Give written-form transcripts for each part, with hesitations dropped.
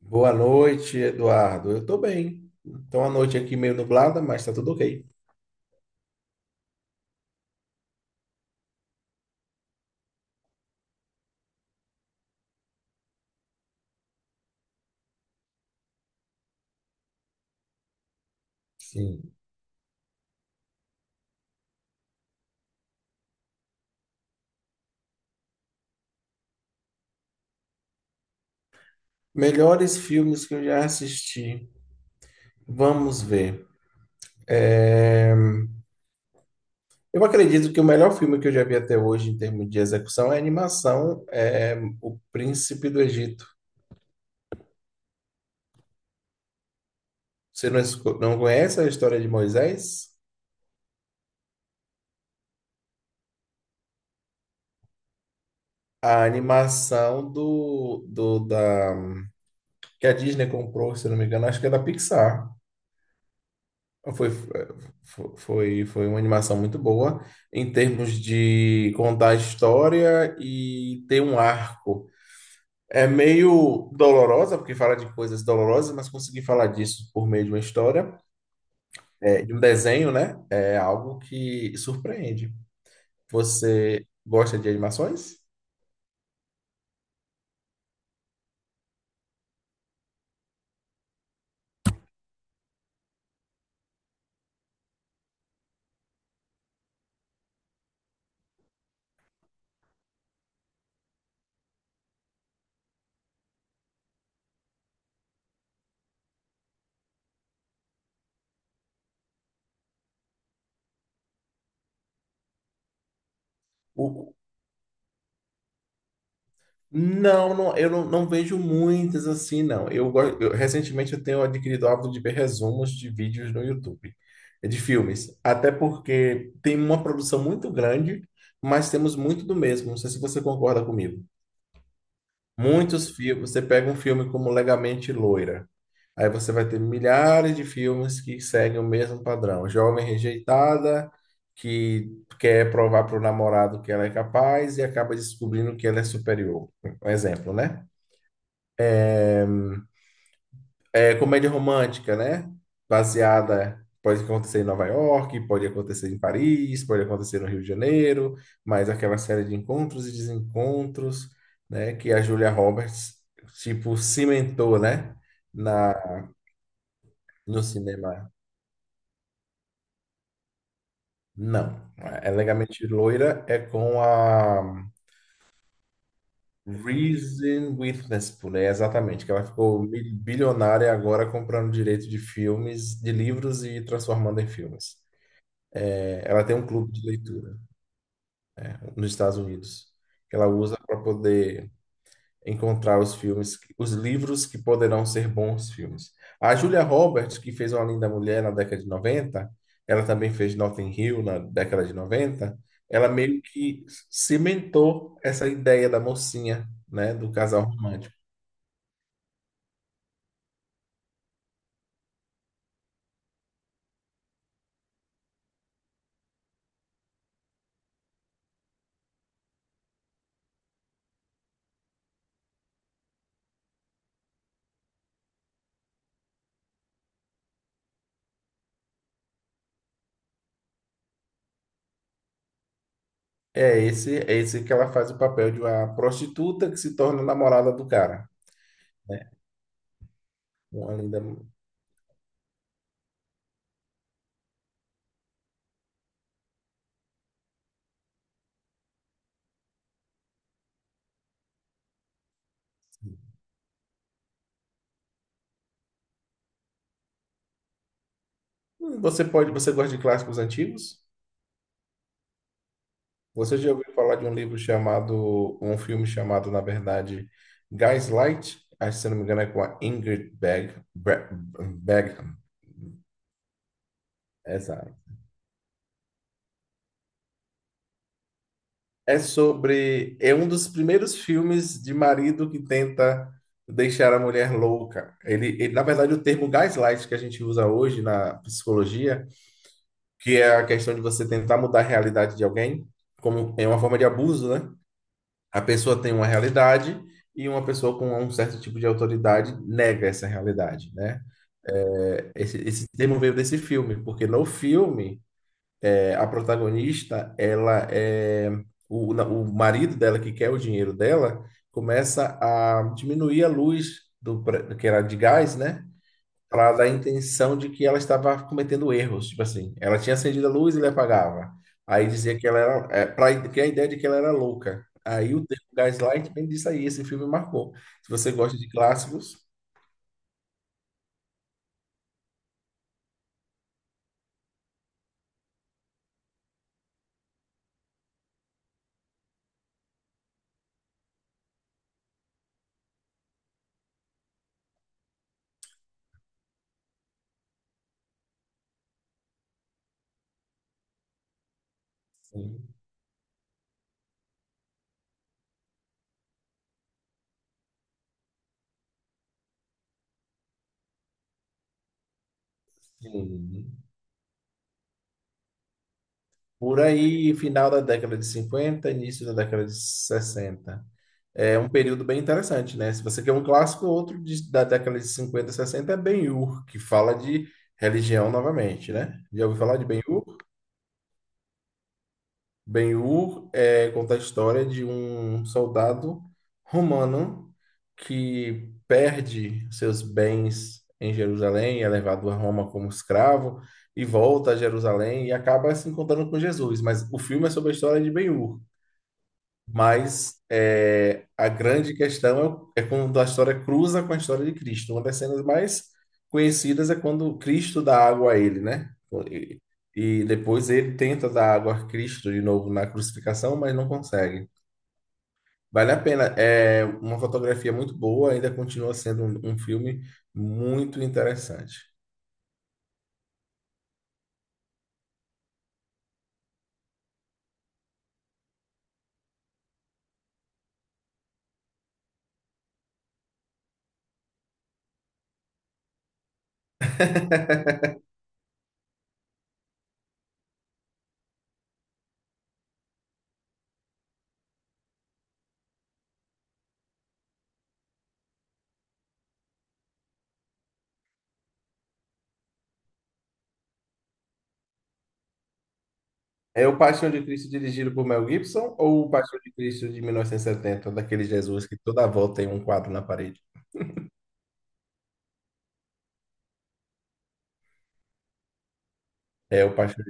Boa noite, Eduardo. Eu tô bem. Então, a noite aqui meio nublada, mas tá tudo ok. Sim. Melhores filmes que eu já assisti. Vamos ver. Eu acredito que o melhor filme que eu já vi até hoje em termos de execução é a animação, é O Príncipe do Egito. Você não conhece a história de Moisés? A animação do, do da que a Disney comprou, se não me engano, acho que é da Pixar. Foi, foi uma animação muito boa em termos de contar a história e ter um arco. É meio dolorosa, porque fala de coisas dolorosas, mas conseguir falar disso por meio de uma história, de um desenho, né? É algo que surpreende. Você gosta de animações? O, Não, não, eu não, não vejo muitas assim, não. Recentemente eu tenho adquirido o hábito de ver resumos de vídeos no YouTube, de filmes. Até porque tem uma produção muito grande, mas temos muito do mesmo. Não sei se você concorda comigo. Muitos filmes, você pega um filme como Legamente Loira, aí você vai ter milhares de filmes que seguem o mesmo padrão. Jovem rejeitada, que quer provar para o namorado que ela é capaz e acaba descobrindo que ela é superior. Um exemplo, né? É comédia romântica, né? Baseada, pode acontecer em Nova York, pode acontecer em Paris, pode acontecer no Rio de Janeiro, mas aquela série de encontros e desencontros, né? Que a Julia Roberts, tipo, cimentou, né? Na, no cinema. Não. É Legalmente Loira é com a Reason Witherspoon, é exatamente, que ela ficou bilionária agora comprando direito de filmes, de livros e transformando em filmes. Ela tem um clube de leitura nos Estados Unidos que ela usa para poder encontrar os filmes, que- os livros que poderão ser bons filmes. A Julia Roberts, que fez Uma Linda Mulher na década de 90, ela também fez Notting Hill na década de 90, ela meio que cimentou essa ideia da mocinha, né, do casal romântico. É esse que ela faz o papel de uma prostituta que se torna namorada do cara. Uma linda. Você pode, você gosta de clássicos antigos? Você já ouviu falar de um livro chamado, um filme chamado, na verdade, Gaslight? Acho que, se não me engano, é com a Ingrid Bergman. Exato. É sobre, é um dos primeiros filmes de marido que tenta deixar a mulher louca. Na verdade, o termo gaslight que a gente usa hoje na psicologia, que é a questão de você tentar mudar a realidade de alguém, como é uma forma de abuso, né? A pessoa tem uma realidade e uma pessoa com um certo tipo de autoridade nega essa realidade, né? Esse termo veio desse filme, porque no filme, a protagonista, ela é... O marido dela, que quer o dinheiro dela, começa a diminuir a luz do, que era de gás, né? Ela dá a intenção de que ela estava cometendo erros, tipo assim, ela tinha acendido a luz e ele apagava. Aí dizia que ela era, é, para criar a ideia de que ela era louca. Aí o termo Gaslight vem disso aí, esse filme marcou. Se você gosta de clássicos, sim, sim. Por aí, final da década de 50, início da década de 60. É um período bem interessante, né? Se você quer um clássico, outro da década de 50 e 60 é Ben-Hur, que fala de religião novamente, né? Já ouviu falar de Ben-Hur? Ben-Hur conta a história de um soldado romano que perde seus bens em Jerusalém, é levado a Roma como escravo e volta a Jerusalém e acaba se encontrando com Jesus. Mas o filme é sobre a história de Ben Hur. Mas a grande questão é quando a história cruza com a história de Cristo. Uma das cenas mais conhecidas é quando Cristo dá água a ele, né? E, e depois ele tenta dar água a Cristo de novo na crucificação, mas não consegue. Vale a pena. É uma fotografia muito boa, ainda continua sendo um filme muito interessante. É o Paixão de Cristo dirigido por Mel Gibson ou o Paixão de Cristo de 1970, daquele Jesus que toda volta tem um quadro na parede? É, o Paixão.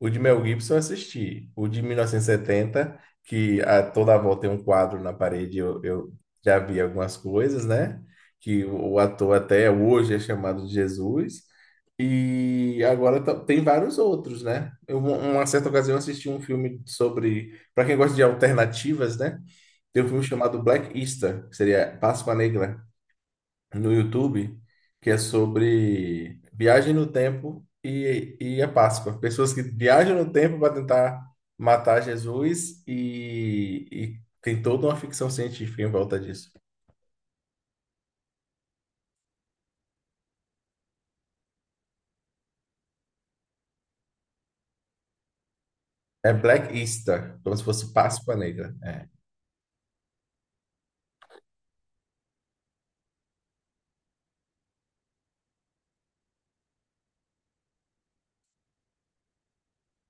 O de Mel Gibson eu assisti. O de 1970, que a toda a volta tem um quadro na parede, eu já vi algumas coisas, né? Que o ator até hoje é chamado de Jesus. E agora tem vários outros, né? Uma certa ocasião, eu assisti um filme sobre. Para quem gosta de alternativas, né? Tem um filme chamado Black Easter, que seria Páscoa Negra no YouTube, que é sobre viagem no tempo e a Páscoa. Pessoas que viajam no tempo para tentar matar Jesus e tem toda uma ficção científica em volta disso. É Black Easter, como se fosse Páscoa Negra. É.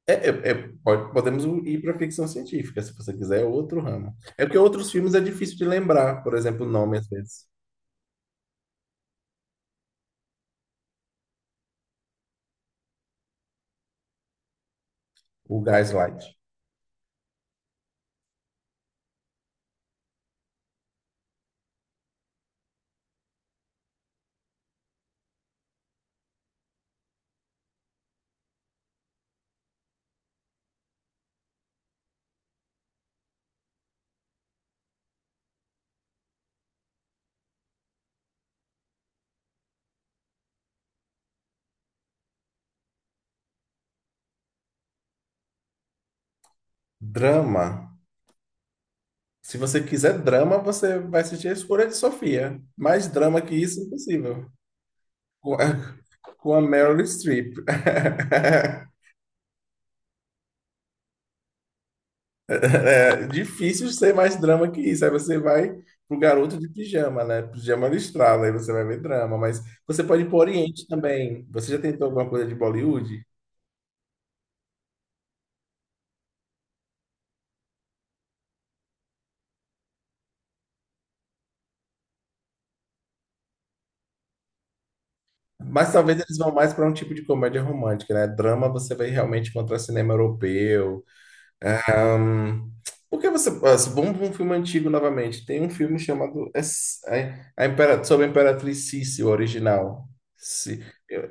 Podemos ir para ficção científica, se você quiser, é outro ramo. É porque outros filmes é difícil de lembrar, por exemplo, o nome às vezes. O Gaslight. Drama. Se você quiser drama, você vai assistir A Escolha de Sofia. Mais drama que isso, impossível. Com a, com a Meryl Streep. É difícil ser mais drama que isso. Aí você vai pro garoto de pijama, né? Pijama listrado, aí você vai ver drama. Mas você pode ir pro Oriente também. Você já tentou alguma coisa de Bollywood? Mas talvez eles vão mais para um tipo de comédia romântica, né? Drama você vai realmente encontrar cinema europeu. Ahn, por você. Vamos para um filme antigo novamente. Tem um filme chamado sobre a Imperatriz Sissi, o original. Se-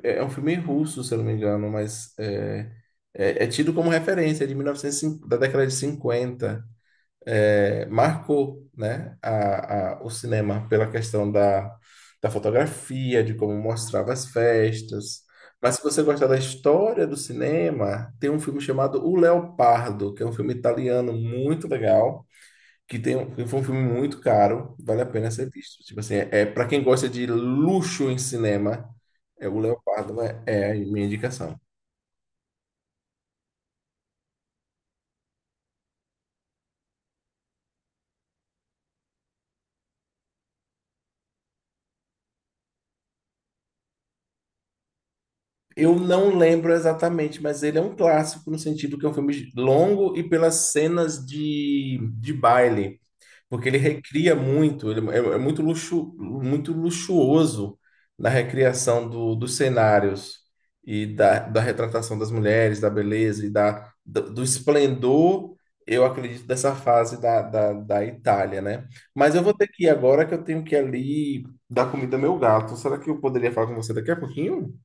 é um filme russo, se eu não me engano, mas é tido como referência, é de 1950, da década de 50 marcou, né, o cinema pela questão da fotografia, de como mostrava as festas. Mas se você gostar da história do cinema, tem um filme chamado O Leopardo, que é um filme italiano muito legal, que tem um, que foi um filme muito caro, vale a pena ser visto. Tipo assim, é, para quem gosta de luxo em cinema, é O Leopardo, é, é a minha indicação. Eu não lembro exatamente, mas ele é um clássico no sentido que é um filme longo e pelas cenas de baile, porque ele recria muito, ele é muito muito luxuoso na recriação dos cenários e da retratação das mulheres, da beleza e do esplendor, eu acredito, dessa fase da Itália, né? Mas eu vou ter que ir agora que eu tenho que ir ali dar comida ao meu gato. Será que eu poderia falar com você daqui a pouquinho?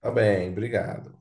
Tá bem, obrigado.